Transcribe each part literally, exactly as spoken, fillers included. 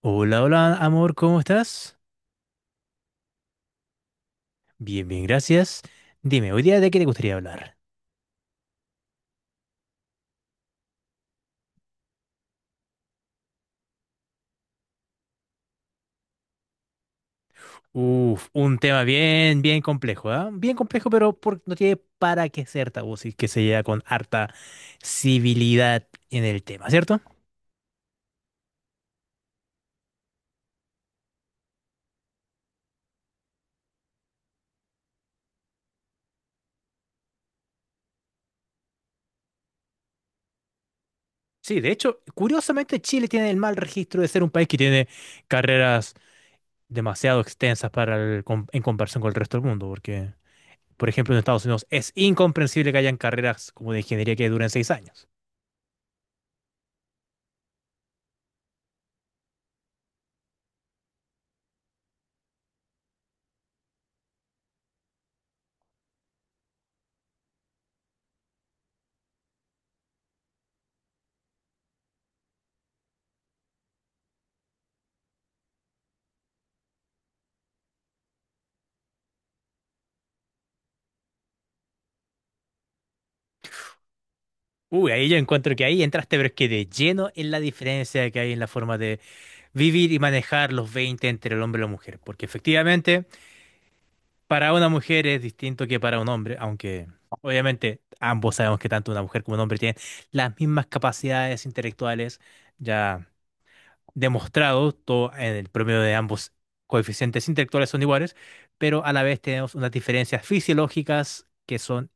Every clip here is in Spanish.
Hola, hola, amor, ¿cómo estás? Bien, bien, gracias. Dime, hoy día de qué te gustaría hablar. Uf, un tema bien, bien complejo, ¿ah? Bien complejo, pero por- no tiene para qué ser tabú, si es que se llega con harta civilidad en el tema, ¿cierto? Sí, de hecho, curiosamente Chile tiene el mal registro de ser un país que tiene carreras demasiado extensas para el com- en comparación con el resto del mundo, porque, por ejemplo, en Estados Unidos es incomprensible que hayan carreras como de ingeniería que duren seis años. Uy, ahí yo encuentro que ahí entraste, pero es que de lleno en la diferencia que hay en la forma de vivir y manejar los veinte entre el hombre y la mujer. Porque efectivamente, para una mujer es distinto que para un hombre, aunque obviamente ambos sabemos que tanto una mujer como un hombre tienen las mismas capacidades intelectuales ya demostrado, todo en el promedio de ambos coeficientes intelectuales son iguales, pero a la vez tenemos unas diferencias fisiológicas que son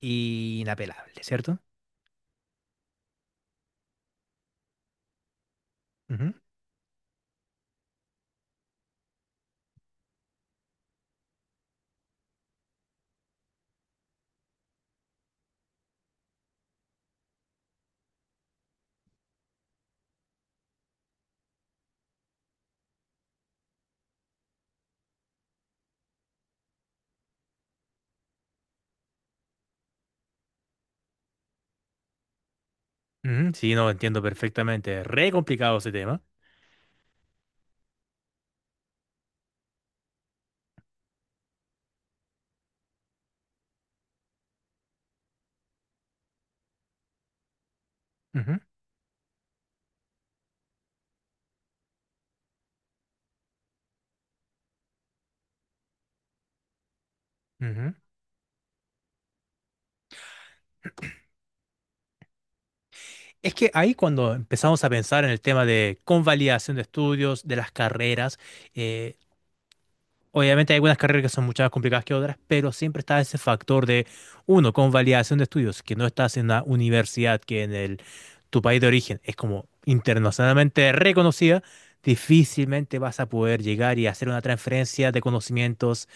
inapelables, cierto. Ujú, sí, no, entiendo perfectamente. Re complicado ese tema. Ujú, ujú. Es que ahí cuando empezamos a pensar en el tema de convalidación de estudios, de las carreras, eh, obviamente hay algunas carreras que son mucho más complicadas que otras, pero siempre está ese factor de, uno, convalidación de estudios, que no estás en una universidad que en el, tu país de origen es como internacionalmente reconocida, difícilmente vas a poder llegar y hacer una transferencia de conocimientos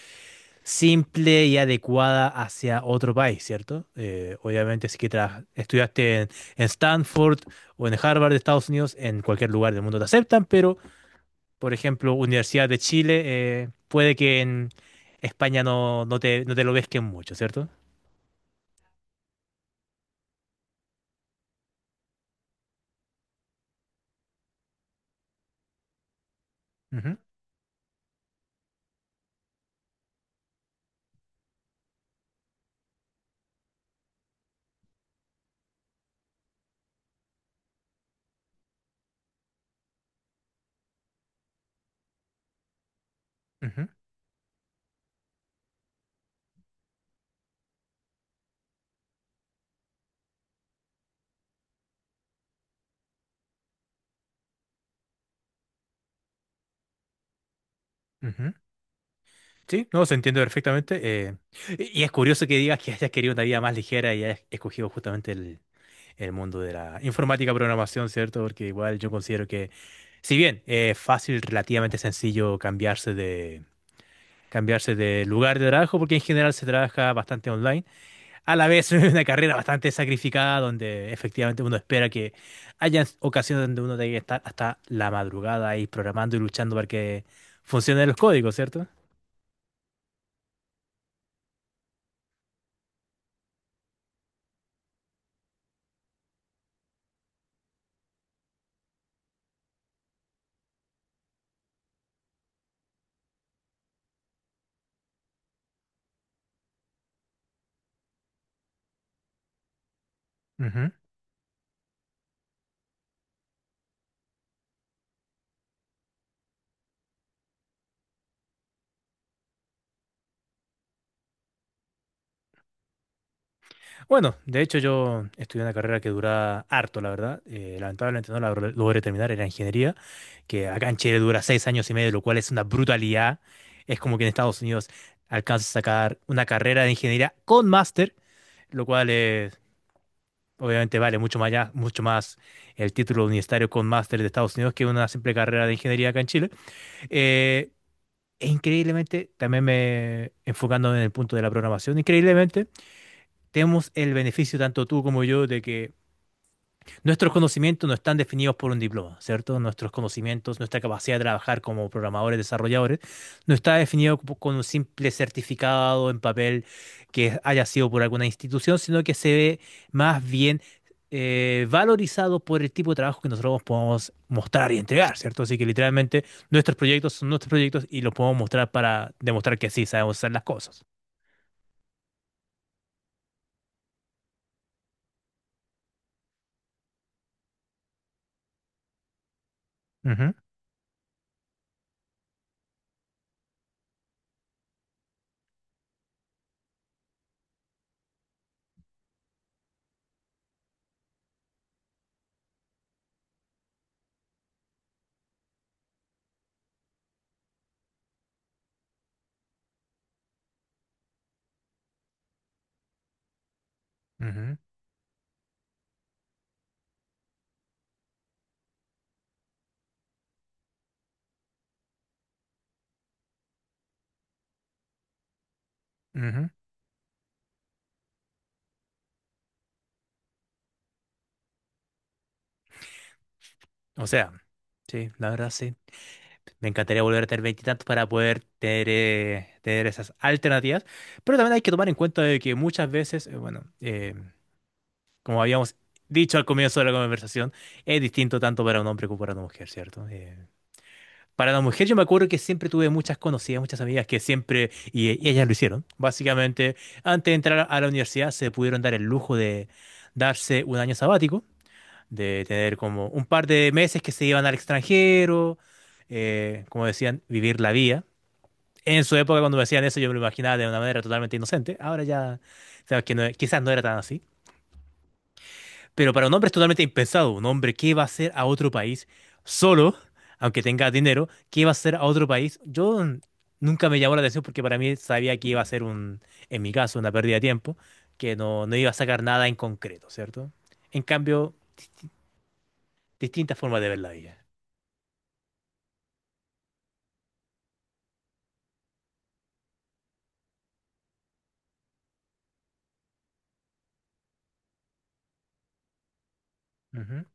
simple y adecuada hacia otro país, ¿cierto? Eh, obviamente, si que tra- estudiaste en, en Stanford o en Harvard de Estados Unidos, en cualquier lugar del mundo te aceptan, pero, por ejemplo, Universidad de Chile, eh, puede que en España no, no te, no te lo pesquen mucho, ¿cierto? Ujú, ujú, ujú. Sí, no, se entiende perfectamente. eh, y y es curioso que digas que hayas querido una vida más ligera y hayas escogido justamente el, el mundo de la informática, programación, ¿cierto? Porque igual yo considero que, si bien eh, es fácil, relativamente sencillo cambiarse de, cambiarse de lugar de trabajo, porque en general se trabaja bastante online, a la vez es una carrera bastante sacrificada, donde efectivamente uno espera que haya ocasiones donde uno tenga que estar hasta la madrugada ahí programando y luchando para que funcionen los códigos, ¿cierto? Bueno, de hecho yo estudié una carrera que dura harto, la verdad. Eh, lamentablemente no la logr- logré terminar, era ingeniería, que acá en Chile dura seis años y medio, lo cual es una brutalidad. Es como que en Estados Unidos alcanzas a sacar una carrera de ingeniería con máster, lo cual es, obviamente vale mucho más, ya- mucho más el título universitario con máster de Estados Unidos que una simple carrera de ingeniería acá en Chile. Eh, e increíblemente, también me enfocando en el punto de la programación, increíblemente tenemos el beneficio tanto tú como yo de que nuestros conocimientos no están definidos por un diploma, ¿cierto? Nuestros conocimientos, nuestra capacidad de trabajar como programadores, desarrolladores, no está definido co- con un simple certificado en papel que haya sido por alguna institución, sino que se ve más bien eh, valorizado por el tipo de trabajo que nosotros podemos mostrar y entregar, ¿cierto? Así que literalmente nuestros proyectos son nuestros proyectos y los podemos mostrar para demostrar que sí sabemos hacer las cosas. Ujú, ujú, ujú. O sea, sí, la verdad sí. Me encantaría volver a tener veintitantos para poder tener, eh, tener esas alternativas. Pero también hay que tomar en cuenta de que muchas veces, eh, bueno, eh, como habíamos dicho al comienzo de la conversación, es distinto tanto para un hombre como para una mujer, ¿cierto? Eh, para la mujer yo me acuerdo que siempre tuve muchas conocidas, muchas amigas que siempre, y, eh, y ellas lo hicieron, básicamente, antes de entrar a la universidad se pudieron dar el lujo de darse un año sabático, de tener como un par de meses que se iban al extranjero, eh, como decían, vivir la vida en su época, cuando me decían eso yo me lo imaginaba de una manera totalmente inocente. Ahora ya, sabes que no e- quizás no era tan así. Pero para un hombre es totalmente impensado. Un hombre que va a hacer a otro país solo, aunque tenga dinero, que va a hacer a otro país. Yo mm, nunca me llamó la atención porque para mí sabía que iba a ser un, en mi caso, una pérdida de tiempo, que no, no iba a sacar nada en concreto, ¿cierto? En cambio, distintas formas de ver la vida. Ujú,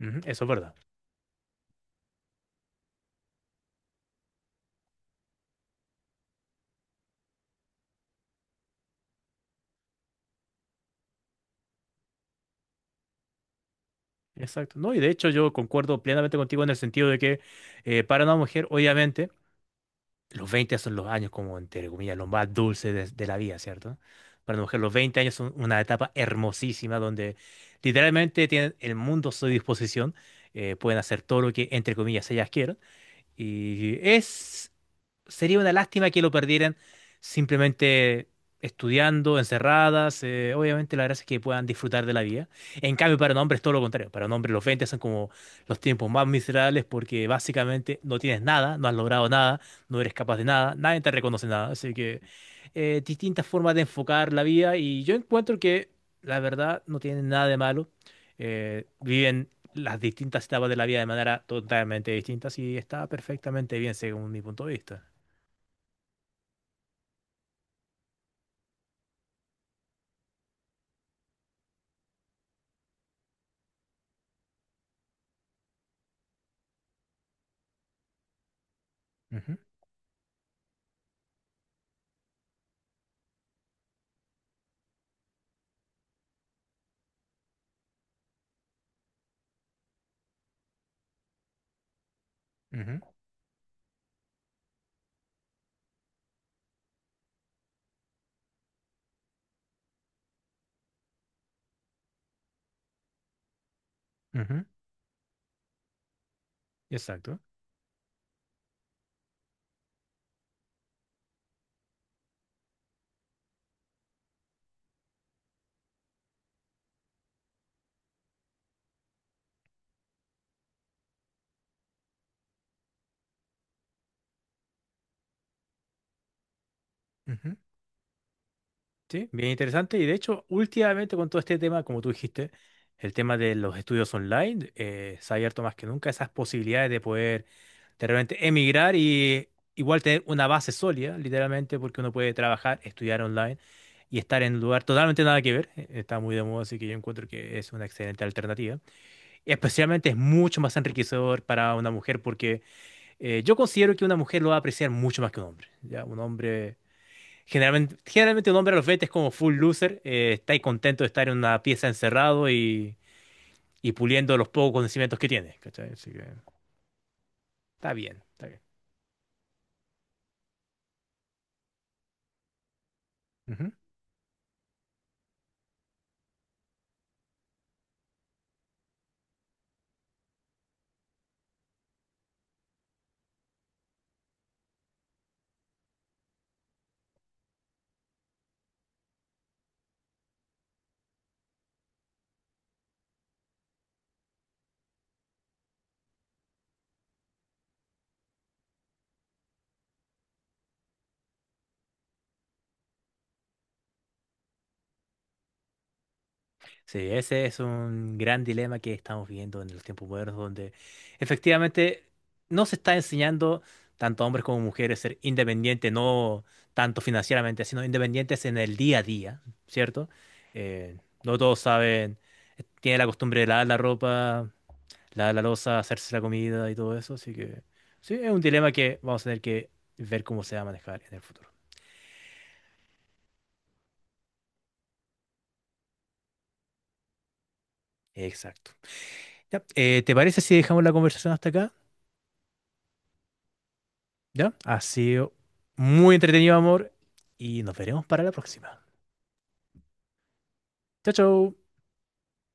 ujú, eso es verdad. Exacto. No, y de hecho yo concuerdo plenamente contigo en el sentido de que eh, para una mujer, obviamente, los veinte son los años como, entre comillas, los más dulces de, de la vida, ¿cierto? Para una mujer, los veinte años son una etapa hermosísima donde literalmente tienen el mundo a su disposición, eh, pueden hacer todo lo que, entre comillas, ellas quieran. Y es, sería una lástima que lo perdieran simplemente estudiando, encerradas. Eh, obviamente la gracia es que puedan disfrutar de la vida. En cambio, para un hombre es todo lo contrario. Para un hombre los veinte son como los tiempos más miserables porque básicamente no tienes nada, no has logrado nada, no eres capaz de nada, nadie te reconoce nada. Así que eh, distintas formas de enfocar la vida y yo encuentro que la verdad no tiene nada de malo. Eh, viven las distintas etapas de la vida de manera totalmente distinta y está perfectamente bien según mi punto de vista. Ujú, ujú, ujú, exacto. Ujú. Sí, bien interesante. Y de hecho, últimamente con todo este tema, como tú dijiste, el tema de los estudios online, eh, se ha abierto más que nunca esas posibilidades de poder de realmente emigrar y igual tener una base sólida, literalmente, porque uno puede trabajar, estudiar online y estar en un lugar totalmente nada que ver. Eh, Está muy de moda, así que yo encuentro que es una excelente alternativa. Especialmente es mucho más enriquecedor para una mujer porque eh, yo considero que una mujer lo va a apreciar mucho más que un hombre. ¿Ya? Un hombre, generalmente, generalmente un hombre a los veinte es como full loser, eh, está ahí contento de estar en una pieza encerrado y, y puliendo los pocos conocimientos que tiene. ¿Cachai? Así que está bien, está bien. Ujú. Sí, ese es un gran dilema que estamos viviendo en los tiempos modernos, donde efectivamente no se está enseñando tanto a hombres como mujeres ser independientes, no tanto financieramente, sino independientes en el día a día, ¿cierto? Eh, no todos saben, eh, tienen la costumbre de lavar la ropa, lavar la loza, hacerse la comida y todo eso, así que sí, es un dilema que vamos a tener que ver cómo se va a manejar en el futuro. Exacto. Ya, eh, ¿te parece si dejamos la conversación hasta acá? ¿Ya? Ha sido muy entretenido, amor, y nos veremos para la próxima. Chao, chao.